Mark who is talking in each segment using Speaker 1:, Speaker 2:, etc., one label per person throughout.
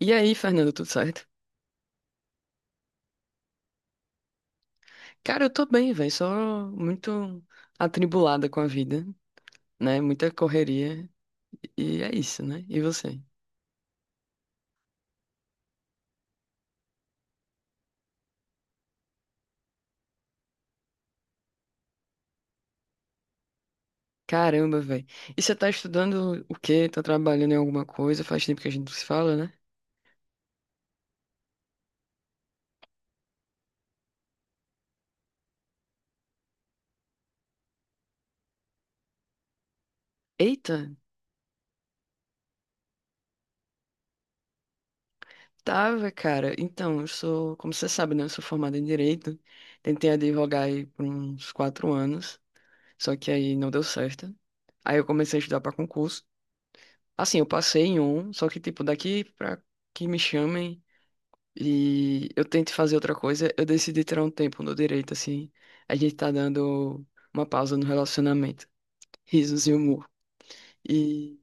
Speaker 1: E aí, Fernando, tudo certo? Cara, eu tô bem, velho, só muito atribulada com a vida, né? Muita correria e é isso, né? E você? Caramba, velho. E você tá estudando o quê? Tá trabalhando em alguma coisa? Faz tempo que a gente não se fala, né? Eita, tava, cara. Então, eu sou, como você sabe, né? Eu sou formada em Direito. Tentei advogar aí por uns 4 anos, só que aí não deu certo. Aí eu comecei a estudar pra concurso. Assim, eu passei em um, só que, tipo, daqui pra que me chamem. E eu tento fazer outra coisa, eu decidi tirar um tempo no direito, assim. A gente tá dando uma pausa no relacionamento. Risos e humor. E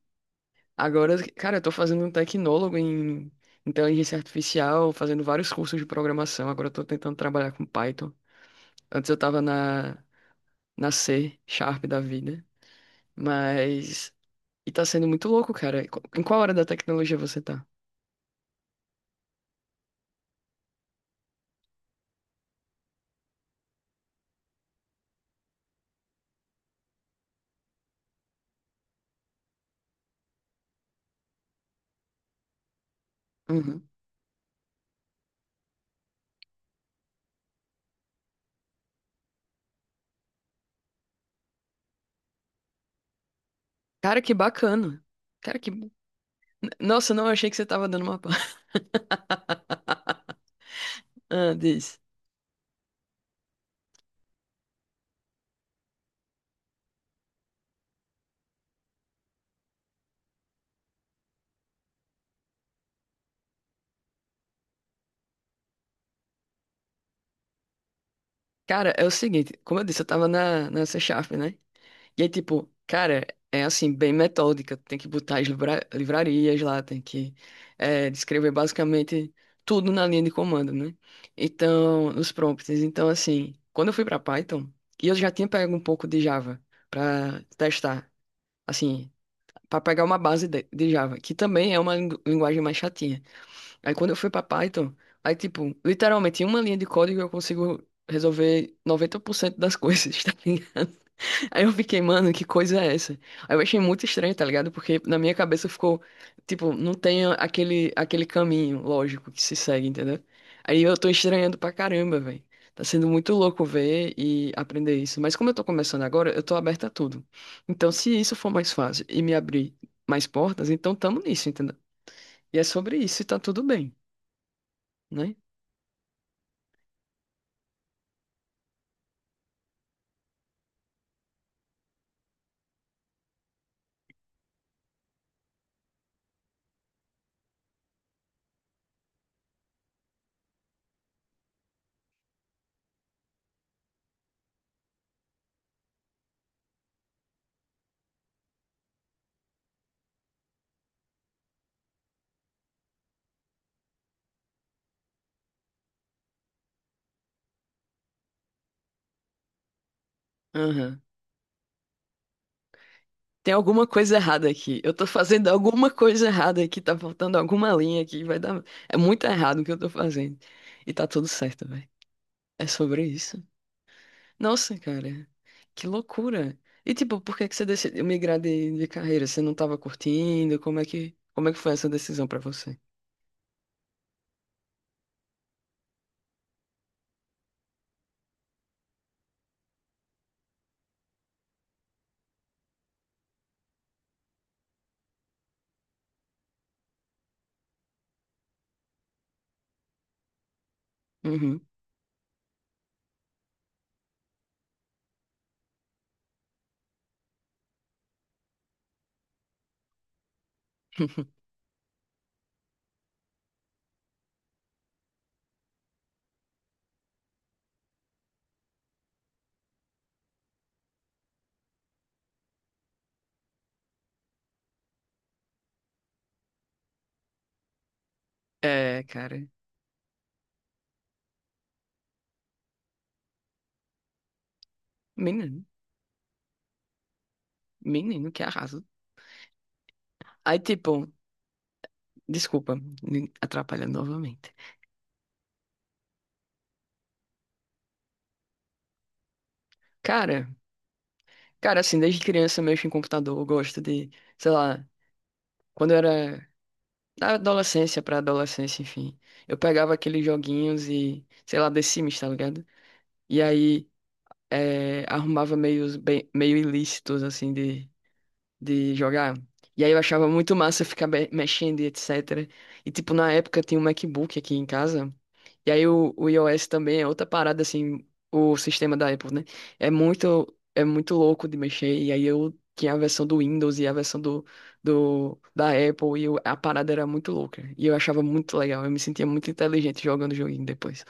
Speaker 1: agora, cara, eu tô fazendo um tecnólogo em inteligência artificial, fazendo vários cursos de programação. Agora eu tô tentando trabalhar com Python. Antes eu tava na C Sharp da vida. Mas. E tá sendo muito louco, cara. Em qual hora da tecnologia você tá? Uhum. Cara, que bacana. Cara, que. Nossa, não achei que você tava dando uma. Ah, diz. Cara, é o seguinte, como eu disse, eu tava na C Sharp, né? E aí, tipo, cara, é assim, bem metódica. Tem que botar as livrarias lá, tem que descrever basicamente tudo na linha de comando, né? Então, nos prompts. Então, assim, quando eu fui pra Python, e eu já tinha pego um pouco de Java pra testar, assim, pra pegar uma base de Java, que também é uma linguagem mais chatinha. Aí, quando eu fui pra Python, aí, tipo, literalmente, em uma linha de código eu consigo resolver 90% das coisas, tá ligado? Aí eu fiquei, mano, que coisa é essa? Aí eu achei muito estranho, tá ligado? Porque na minha cabeça ficou, tipo, não tem aquele caminho lógico que se segue, entendeu? Aí eu tô estranhando pra caramba, velho. Tá sendo muito louco ver e aprender isso. Mas como eu tô começando agora, eu tô aberta a tudo. Então, se isso for mais fácil e me abrir mais portas, então tamo nisso, entendeu? E é sobre isso e tá tudo bem, né? Aham. Tem alguma coisa errada aqui. Eu tô fazendo alguma coisa errada aqui. Tá faltando alguma linha aqui. Vai dar. É muito errado o que eu tô fazendo. E tá tudo certo, velho. É sobre isso. Nossa, cara. Que loucura. E tipo, por que que você decidiu migrar de carreira? Você não tava curtindo? Como é que foi essa decisão pra você? Uhum. É, cara. Menino. Menino que arrasa. Aí, tipo, desculpa, me atrapalhando novamente. Cara. Cara, assim, desde criança eu mexo em computador, eu gosto de, sei lá, quando eu era da adolescência pra adolescência, enfim, eu pegava aqueles joguinhos e, sei lá, The Sims, tá ligado? E aí arrumava meios bem, meio ilícitos, assim, de jogar. E aí eu achava muito massa ficar mexendo e etc. E, tipo, na época tinha um MacBook aqui em casa. E aí o iOS também é outra parada, assim, o sistema da Apple, né? É muito louco de mexer. E aí eu tinha a versão do Windows e a versão da Apple, e a parada era muito louca. E eu achava muito legal, eu me sentia muito inteligente jogando o joguinho depois.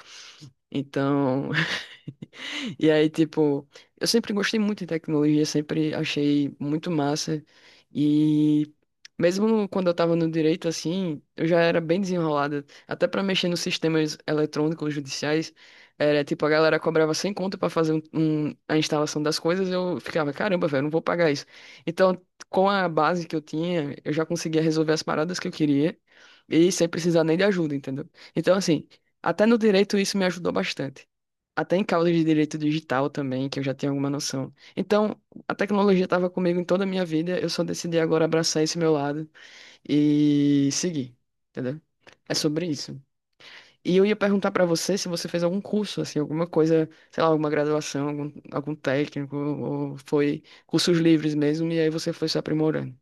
Speaker 1: Então, E aí, tipo, eu sempre gostei muito de tecnologia, sempre achei muito massa. E mesmo quando eu tava no direito, assim, eu já era bem desenrolada. Até pra mexer nos sistemas eletrônicos judiciais, era tipo, a galera cobrava sem conta pra fazer a instalação das coisas, eu ficava, caramba, velho, não vou pagar isso. Então, com a base que eu tinha, eu já conseguia resolver as paradas que eu queria e sem precisar nem de ajuda, entendeu? Então, assim, até no direito isso me ajudou bastante. Até em causas de direito digital também, que eu já tenho alguma noção. Então, a tecnologia estava comigo em toda a minha vida, eu só decidi agora abraçar esse meu lado e seguir, entendeu? É sobre isso. E eu ia perguntar pra você se você fez algum curso, assim, alguma coisa, sei lá, alguma graduação, algum técnico, ou foi cursos livres mesmo, e aí você foi se aprimorando.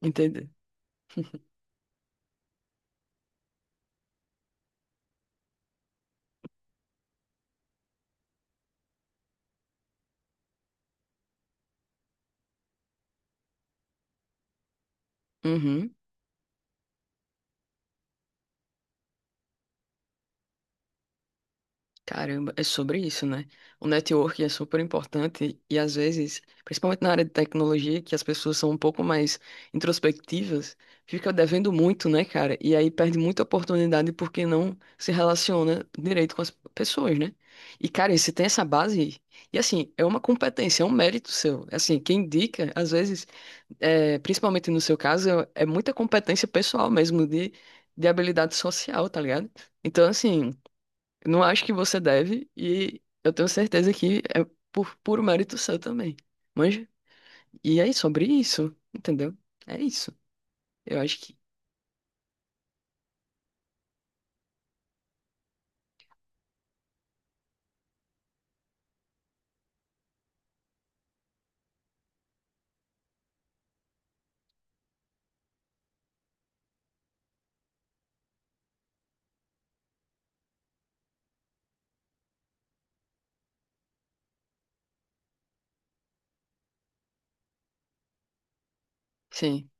Speaker 1: Entendeu? Uhum. Caramba, é sobre isso, né? O networking é super importante e às vezes, principalmente na área de tecnologia, que as pessoas são um pouco mais introspectivas, fica devendo muito, né, cara? E aí perde muita oportunidade porque não se relaciona direito com as pessoas, né? E, cara, você tem essa base e, assim, é uma competência, é um mérito seu. Assim, quem indica, às vezes, principalmente no seu caso, é muita competência pessoal mesmo de habilidade social, tá ligado? Então, assim. Não acho que você deve, e eu tenho certeza que é por puro mérito seu também. Manja? E é sobre isso, entendeu? É isso. Eu acho que sim,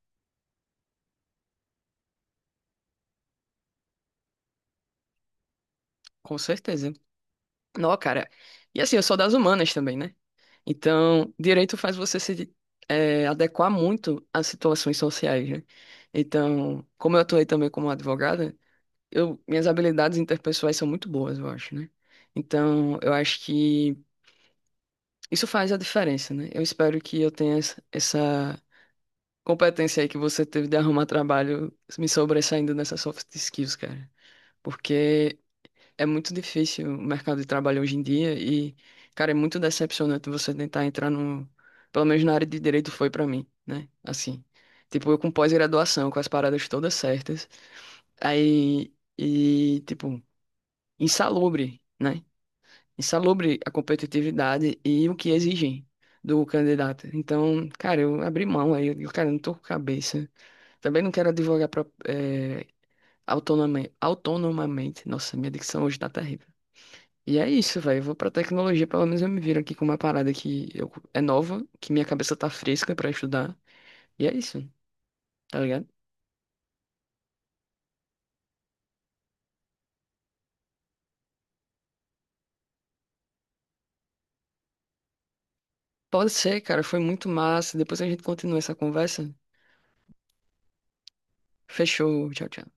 Speaker 1: com certeza. Não, cara. E assim, eu sou das humanas também, né? Então, direito faz você se adequar muito às situações sociais, né? Então, como eu atuei também como advogada, minhas habilidades interpessoais são muito boas, eu acho, né? Então, eu acho que. Isso faz a diferença, né? Eu espero que eu tenha essa competência aí que você teve de arrumar trabalho me sobressaindo nessas soft skills, cara. Porque é muito difícil o mercado de trabalho hoje em dia e, cara, é muito decepcionante você tentar entrar no. Pelo menos na área de direito foi pra mim, né? Assim. Tipo, eu com pós-graduação, com as paradas todas certas. Aí. E, tipo, insalubre, né? Insalubre a competitividade e o que exigem do candidato. Então, cara, eu abri mão aí, eu, digo, cara, eu não tô com cabeça. Também não quero advogar pro, autonomamente. Nossa, minha dicção hoje tá terrível. E é isso, velho. Eu vou pra tecnologia, pelo menos eu me viro aqui com uma parada que eu, é nova, que minha cabeça tá fresca pra estudar. E é isso, tá ligado? Pode ser, cara. Foi muito massa. Depois a gente continua essa conversa. Fechou. Tchau, tchau.